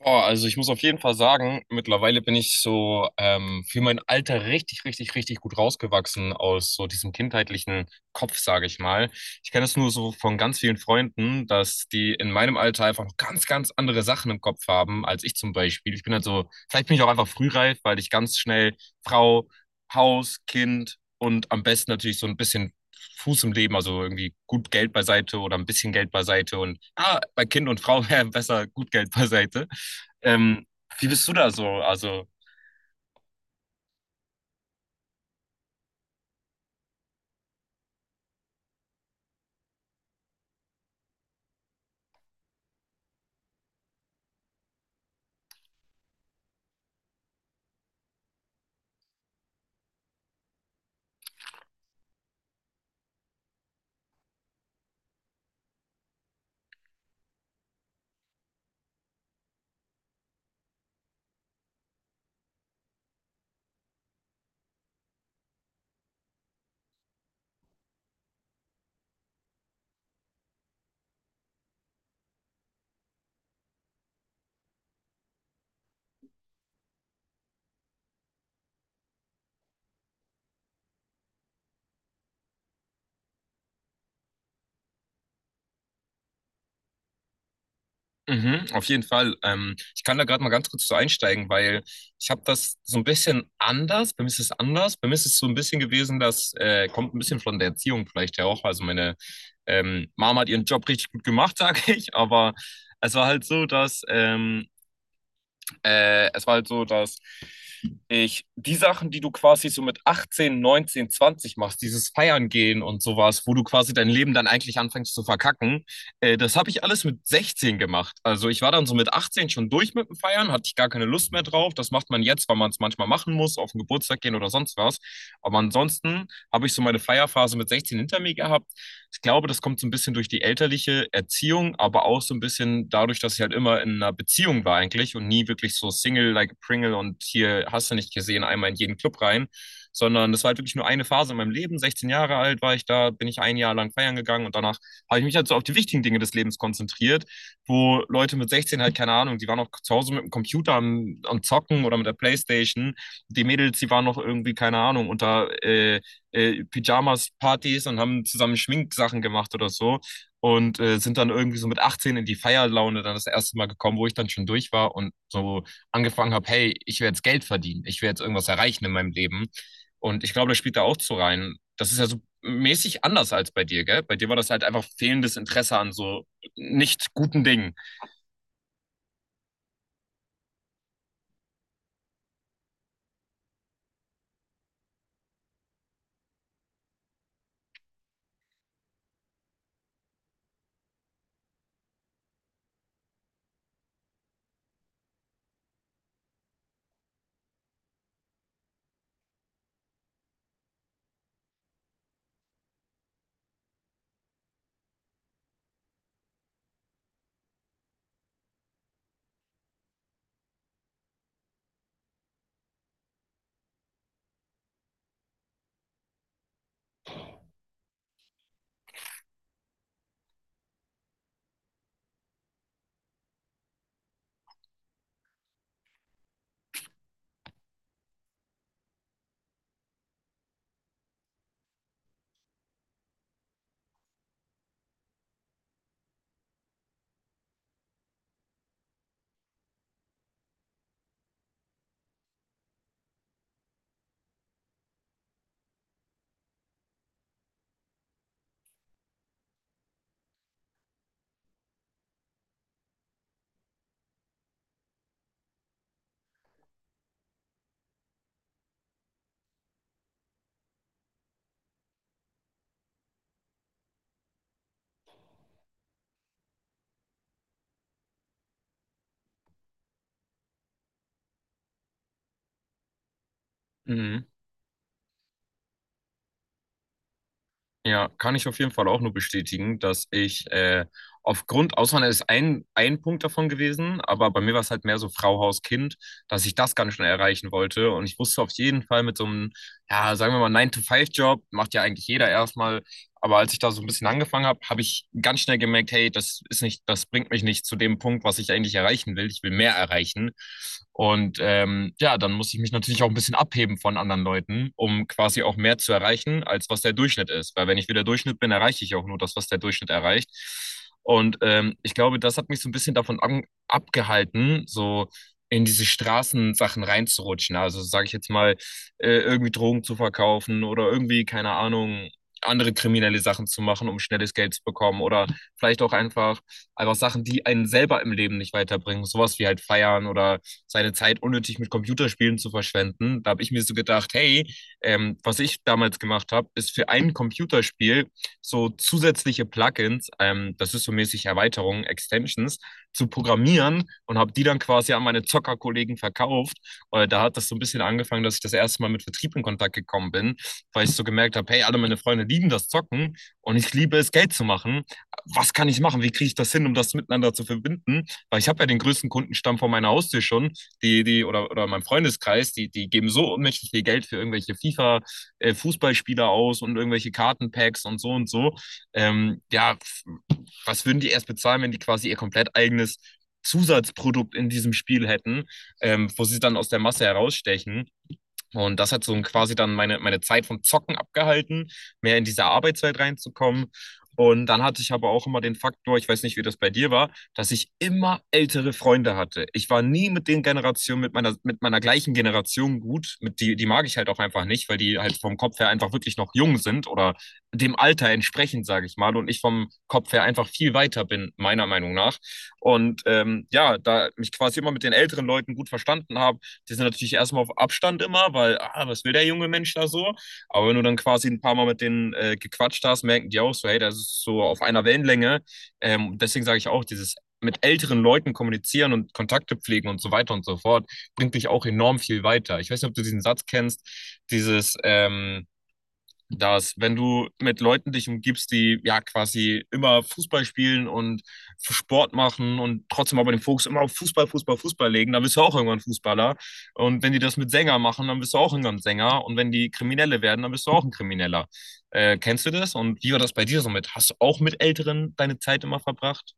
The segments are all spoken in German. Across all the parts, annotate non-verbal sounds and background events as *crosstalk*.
Boah, also ich muss auf jeden Fall sagen, mittlerweile bin ich so für mein Alter richtig, richtig, richtig gut rausgewachsen aus so diesem kindheitlichen Kopf, sage ich mal. Ich kenne das nur so von ganz vielen Freunden, dass die in meinem Alter einfach noch ganz, ganz andere Sachen im Kopf haben als ich zum Beispiel. Ich bin halt so, vielleicht bin ich auch einfach frühreif, weil ich ganz schnell Frau, Haus, Kind und am besten natürlich so ein bisschen Fuß im Leben, also irgendwie gut Geld beiseite oder ein bisschen Geld beiseite und bei Kind und Frau *laughs* wäre besser gut Geld beiseite. Ähm, wie bist du da so? Also, mhm, auf jeden Fall. Ich kann da gerade mal ganz kurz so einsteigen, weil ich habe das so ein bisschen anders. Bei mir ist es anders. Bei mir ist es so ein bisschen gewesen, das kommt ein bisschen von der Erziehung vielleicht ja auch. Also meine Mama hat ihren Job richtig gut gemacht, *laughs* sage ich. Aber es war halt so, dass Äh, es war halt so, dass ich die Sachen, die du quasi so mit 18, 19, 20 machst, dieses Feiern gehen und sowas, wo du quasi dein Leben dann eigentlich anfängst zu verkacken, das habe ich alles mit 16 gemacht. Also ich war dann so mit 18 schon durch mit dem Feiern, hatte ich gar keine Lust mehr drauf. Das macht man jetzt, weil man es manchmal machen muss, auf den Geburtstag gehen oder sonst was. Aber ansonsten habe ich so meine Feierphase mit 16 hinter mir gehabt. Ich glaube, das kommt so ein bisschen durch die elterliche Erziehung, aber auch so ein bisschen dadurch, dass ich halt immer in einer Beziehung war eigentlich und nie wirklich so Single like a Pringle und hier hast du nicht gesehen, einmal in jeden Club rein, sondern das war halt wirklich nur eine Phase in meinem Leben. 16 Jahre alt war ich da, bin ich ein Jahr lang feiern gegangen und danach habe ich mich halt so auf die wichtigen Dinge des Lebens konzentriert, wo Leute mit 16 halt, keine Ahnung, die waren noch zu Hause mit dem Computer am Zocken oder mit der Playstation. Die Mädels, die waren noch irgendwie, keine Ahnung, unter Pyjamas-Partys und haben zusammen Schminksachen gemacht oder so und sind dann irgendwie so mit 18 in die Feierlaune dann das erste Mal gekommen, wo ich dann schon durch war und so angefangen habe, hey, ich will jetzt Geld verdienen, ich will jetzt irgendwas erreichen in meinem Leben. Und ich glaube, das spielt da auch zu rein. Das ist ja so mäßig anders als bei dir, gell? Bei dir war das halt einfach fehlendes Interesse an so nicht guten Dingen. Mhm. Ja, kann ich auf jeden Fall auch nur bestätigen, dass ich Auswandern ist ein Punkt davon gewesen, aber bei mir war es halt mehr so Frau, Haus, Kind, dass ich das ganz schnell erreichen wollte. Und ich wusste auf jeden Fall mit so einem, ja, sagen wir mal, 9 to Five job macht ja eigentlich jeder erstmal, aber als ich da so ein bisschen angefangen habe, habe ich ganz schnell gemerkt, hey, das ist nicht, das bringt mich nicht zu dem Punkt, was ich eigentlich erreichen will. Ich will mehr erreichen. Und ja, dann muss ich mich natürlich auch ein bisschen abheben von anderen Leuten, um quasi auch mehr zu erreichen, als was der Durchschnitt ist. Weil wenn ich wieder Durchschnitt bin, erreiche ich auch nur das, was der Durchschnitt erreicht. Und ich glaube, das hat mich so ein bisschen davon abgehalten, so in diese Straßensachen reinzurutschen. Also sage ich jetzt mal, irgendwie Drogen zu verkaufen oder irgendwie, keine Ahnung, andere kriminelle Sachen zu machen, um schnelles Geld zu bekommen oder vielleicht auch einfach Sachen, die einen selber im Leben nicht weiterbringen. Sowas wie halt feiern oder seine Zeit unnötig mit Computerspielen zu verschwenden. Da habe ich mir so gedacht, hey, was ich damals gemacht habe, ist für ein Computerspiel so zusätzliche Plugins, das ist so mäßig Erweiterungen, Extensions, zu programmieren und habe die dann quasi an meine Zockerkollegen verkauft. Da hat das so ein bisschen angefangen, dass ich das erste Mal mit Vertrieb in Kontakt gekommen bin, weil ich so gemerkt habe, hey, alle meine Freunde lieben das Zocken und ich liebe es, Geld zu machen. Was kann ich machen? Wie kriege ich das hin, um das miteinander zu verbinden? Weil ich habe ja den größten Kundenstamm vor meiner Haustür schon, oder meinem Freundeskreis, die geben so unmächtig viel Geld für irgendwelche FIFA-Fußballspieler aus und irgendwelche Kartenpacks und so und so. Ja, was würden die erst bezahlen, wenn die quasi ihr komplett eigenes Zusatzprodukt in diesem Spiel hätten, wo sie dann aus der Masse herausstechen. Und das hat so quasi dann meine Zeit vom Zocken abgehalten, mehr in diese Arbeitswelt reinzukommen. Und dann hatte ich aber auch immer den Faktor, ich weiß nicht, wie das bei dir war, dass ich immer ältere Freunde hatte. Ich war nie mit den Generationen, mit meiner gleichen Generation gut. Mit die mag ich halt auch einfach nicht, weil die halt vom Kopf her einfach wirklich noch jung sind oder dem Alter entsprechend, sage ich mal. Und ich vom Kopf her einfach viel weiter bin, meiner Meinung nach. Und ja, da mich quasi immer mit den älteren Leuten gut verstanden habe, die sind natürlich erstmal auf Abstand immer, weil, ah, was will der junge Mensch da so? Aber wenn du dann quasi ein paar Mal mit denen gequatscht hast, merken die auch so, hey, das ist so auf einer Wellenlänge. Deswegen sage ich auch, dieses mit älteren Leuten kommunizieren und Kontakte pflegen und so weiter und so fort, bringt dich auch enorm viel weiter. Ich weiß nicht, ob du diesen Satz kennst, dieses, ähm, dass wenn du mit Leuten dich umgibst, die ja quasi immer Fußball spielen und Sport machen und trotzdem aber den Fokus immer auf Fußball, Fußball, Fußball legen, dann bist du auch irgendwann Fußballer. Und wenn die das mit Sänger machen, dann bist du auch irgendwann Sänger. Und wenn die Kriminelle werden, dann bist du auch ein Krimineller. Kennst du das? Und wie war das bei dir so mit? Hast du auch mit Älteren deine Zeit immer verbracht?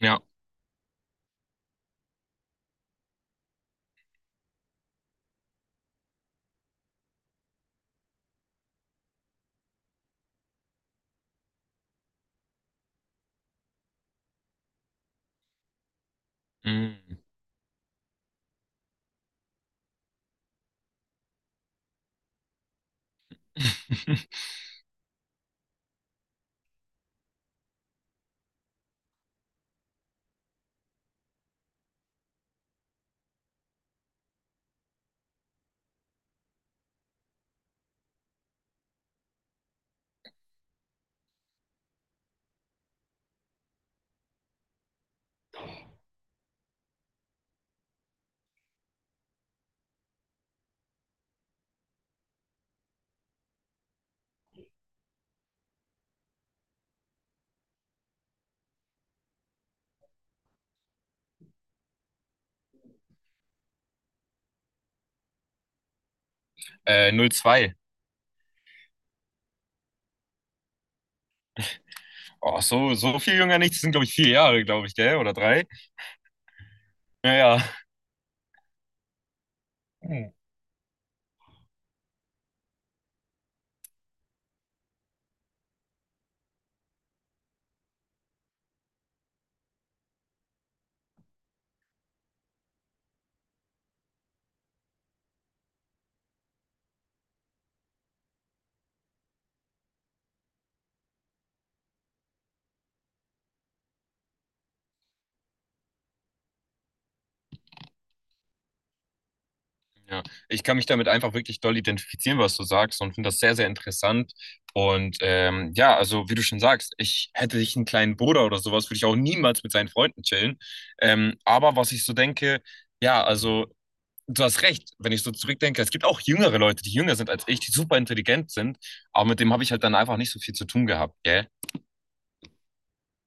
Ja. Mm. *laughs* 02. Oh, so, so viel jünger nicht. Das sind, glaube ich, 4 Jahre, glaube ich, gell? Oder drei? Ja, ja. Ja, ich kann mich damit einfach wirklich doll identifizieren, was du sagst, und finde das sehr, sehr interessant. Und ja, also wie du schon sagst, ich hätte ich einen kleinen Bruder oder sowas, würde ich auch niemals mit seinen Freunden chillen. Aber was ich so denke, ja, also du hast recht, wenn ich so zurückdenke, es gibt auch jüngere Leute, die jünger sind als ich, die super intelligent sind, aber mit dem habe ich halt dann einfach nicht so viel zu tun gehabt, gell?